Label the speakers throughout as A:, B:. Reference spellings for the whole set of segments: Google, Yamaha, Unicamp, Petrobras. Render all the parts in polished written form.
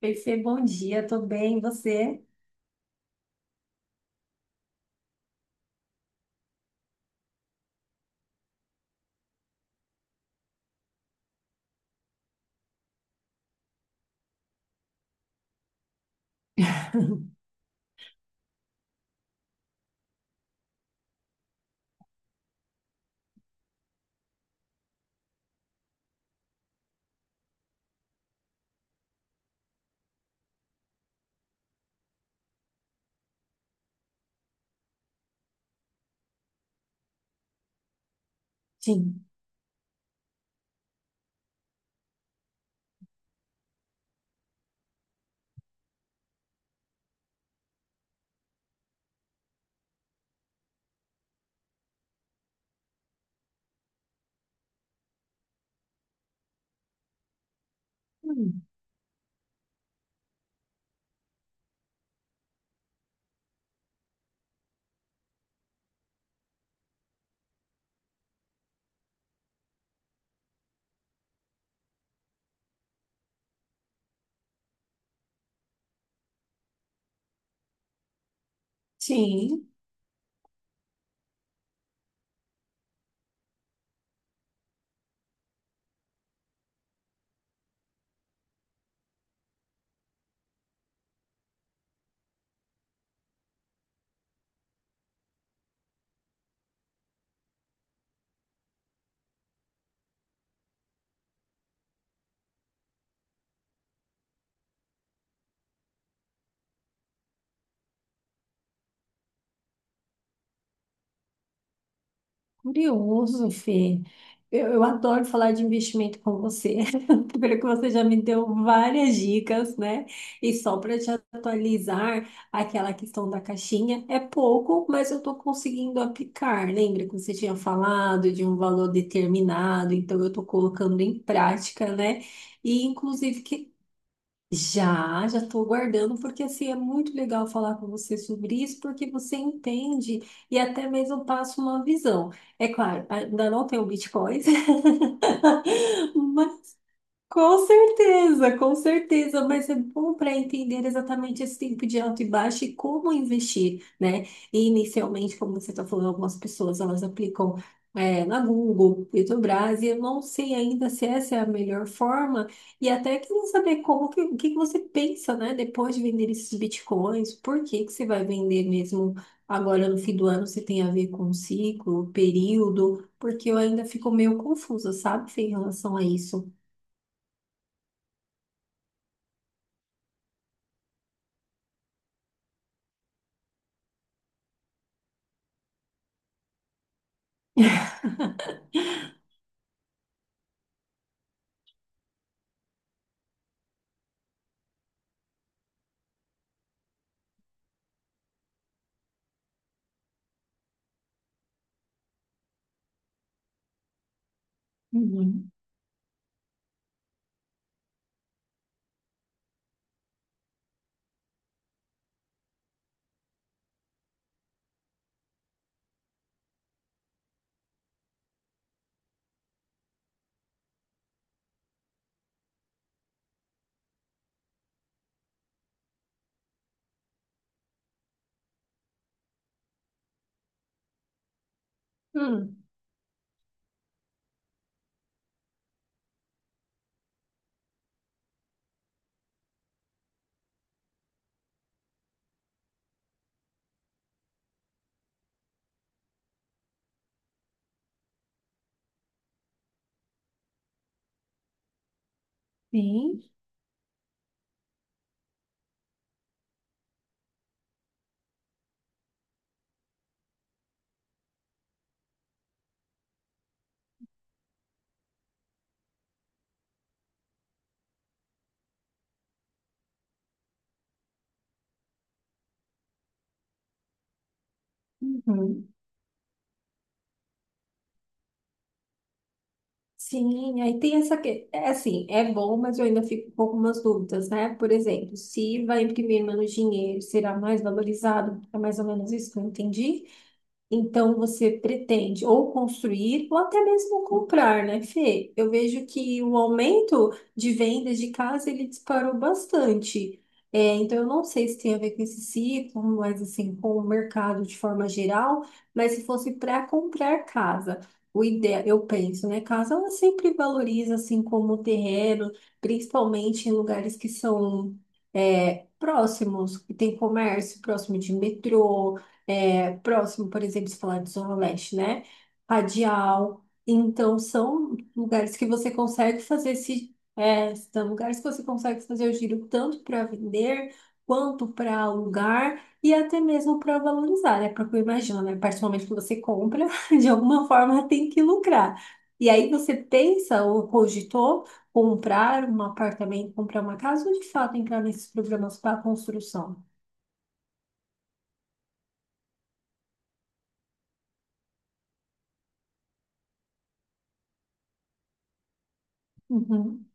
A: Perfê, bom dia, tô bem, e você? Sim. Hum, sim, curioso, Fê. Eu adoro falar de investimento com você. Primeiro que você já me deu várias dicas, né? E só para te atualizar, aquela questão da caixinha é pouco, mas eu estou conseguindo aplicar. Lembra que você tinha falado de um valor determinado? Então eu estou colocando em prática, né? E inclusive que já estou aguardando, porque assim, é muito legal falar com você sobre isso, porque você entende e até mesmo passa uma visão. É claro, ainda não tenho bitcoins. Com certeza, mas é bom para entender exatamente esse tempo de alto e baixo e como investir, né? E inicialmente, como você está falando, algumas pessoas elas aplicam na Google, Petrobras, e eu não sei ainda se essa é a melhor forma, e até que não saber como que, o que que você pensa, né? Depois de vender esses bitcoins, por que que você vai vender mesmo agora no fim do ano? Se tem a ver com ciclo, período, porque eu ainda fico meio confusa, sabe, Fê, em relação a isso. Uhum. Hum, sim. Uhum. Sim, aí tem essa que é assim, é bom, mas eu ainda fico com algumas dúvidas, né? Por exemplo, se vai imprimir menos dinheiro, será mais valorizado? É mais ou menos isso que eu entendi? Então você pretende ou construir ou até mesmo comprar, né, Fê? Eu vejo que o aumento de vendas de casa ele disparou bastante. É, então eu não sei se tem a ver com esse ciclo, mas assim, com o mercado de forma geral, mas se fosse para comprar casa, o ideal, eu penso, né? Casa ela sempre valoriza assim como terreno, principalmente em lugares que são próximos, que tem comércio, próximo de metrô, próximo, por exemplo, se falar de Zona Leste, né? Radial. Então, são lugares que você consegue fazer esse, é, são lugares que você consegue fazer o giro tanto para vender quanto para alugar e até mesmo para valorizar, né? Porque eu imagino, né? A partir do momento que você compra, de alguma forma tem que lucrar. E aí você pensa ou cogitou comprar um apartamento, comprar uma casa ou de fato entrar nesses programas para construção? Uhum.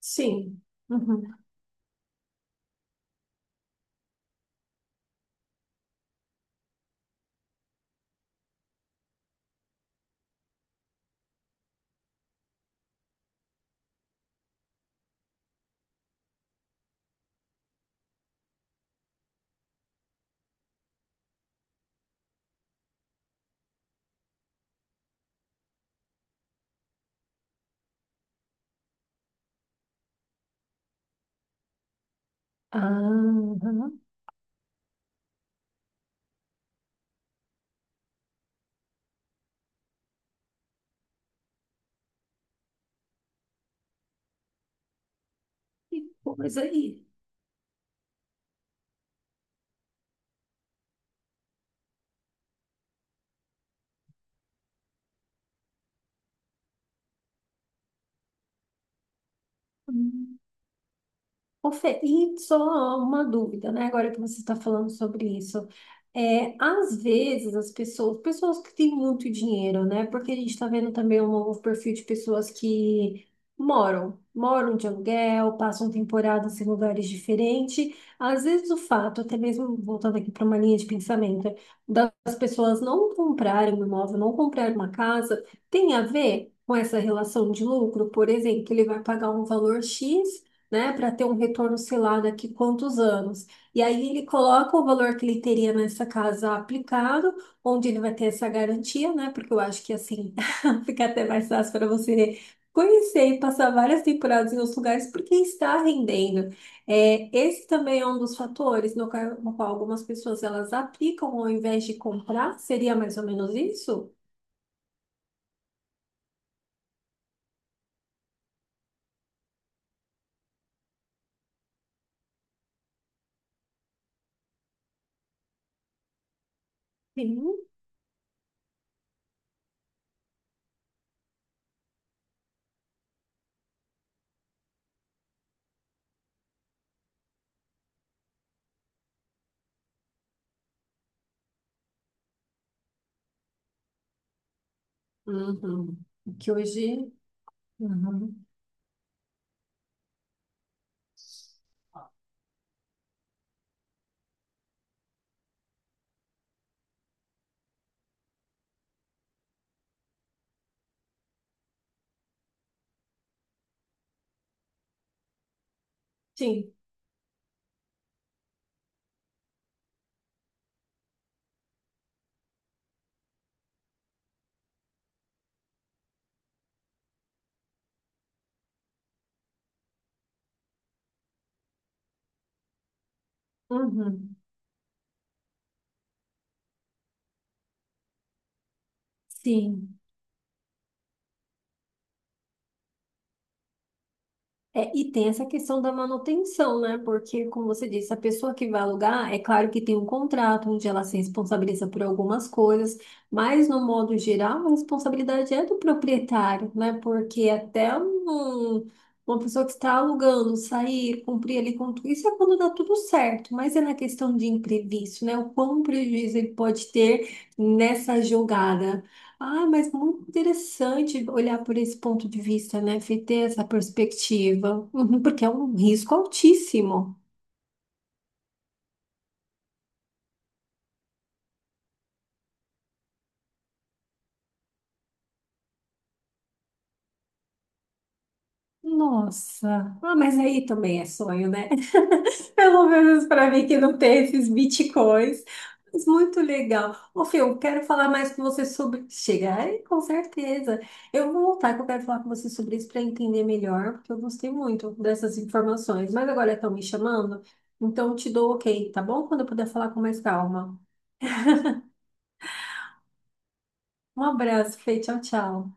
A: Sim. Uhum. Aham. Que coisa aí. Hum. Ô, Fê, e só uma dúvida, né? Agora que você está falando sobre isso. É, às vezes as pessoas, pessoas que têm muito dinheiro, né? Porque a gente está vendo também um novo perfil de pessoas que moram de aluguel, passam temporadas em lugares diferentes. Às vezes o fato, até mesmo voltando aqui para uma linha de pensamento, das pessoas não comprarem um imóvel, não comprarem uma casa, tem a ver com essa relação de lucro. Por exemplo, ele vai pagar um valor X, né, para ter um retorno, sei lá, daqui quantos anos. E aí ele coloca o valor que ele teria nessa casa aplicado, onde ele vai ter essa garantia, né, porque eu acho que assim fica até mais fácil para você conhecer e passar várias temporadas em outros lugares, porque está rendendo. É, esse também é um dos fatores no qual algumas pessoas elas aplicam ao invés de comprar. Seria mais ou menos isso? Sim. Uhum. Que hoje. Uhum. Sim. Uhum. Sim. É, e tem essa questão da manutenção, né? Porque, como você disse, a pessoa que vai alugar, é claro que tem um contrato onde ela se responsabiliza por algumas coisas, mas, no modo geral, a responsabilidade é do proprietário, né? Porque até um- uma pessoa que está alugando sair, cumprir ali com tudo, isso é quando dá tudo certo, mas é na questão de imprevisto, né? O quão prejuízo ele pode ter nessa jogada. Ah, mas muito interessante olhar por esse ponto de vista, né? Fê, ter essa perspectiva. Uhum, porque é um risco altíssimo. Nossa, ah, mas aí também é sonho, né? Pelo menos para mim que não tem esses bitcoins. Mas muito legal. Ô, Fê, eu quero falar mais com você sobre. Chega aí, com certeza. Eu vou voltar que eu quero falar com você sobre isso para entender melhor, porque eu gostei muito dessas informações. Mas agora estão me chamando, então eu te dou ok, tá bom? Quando eu puder falar com mais calma. Um abraço, Fê. Tchau, tchau.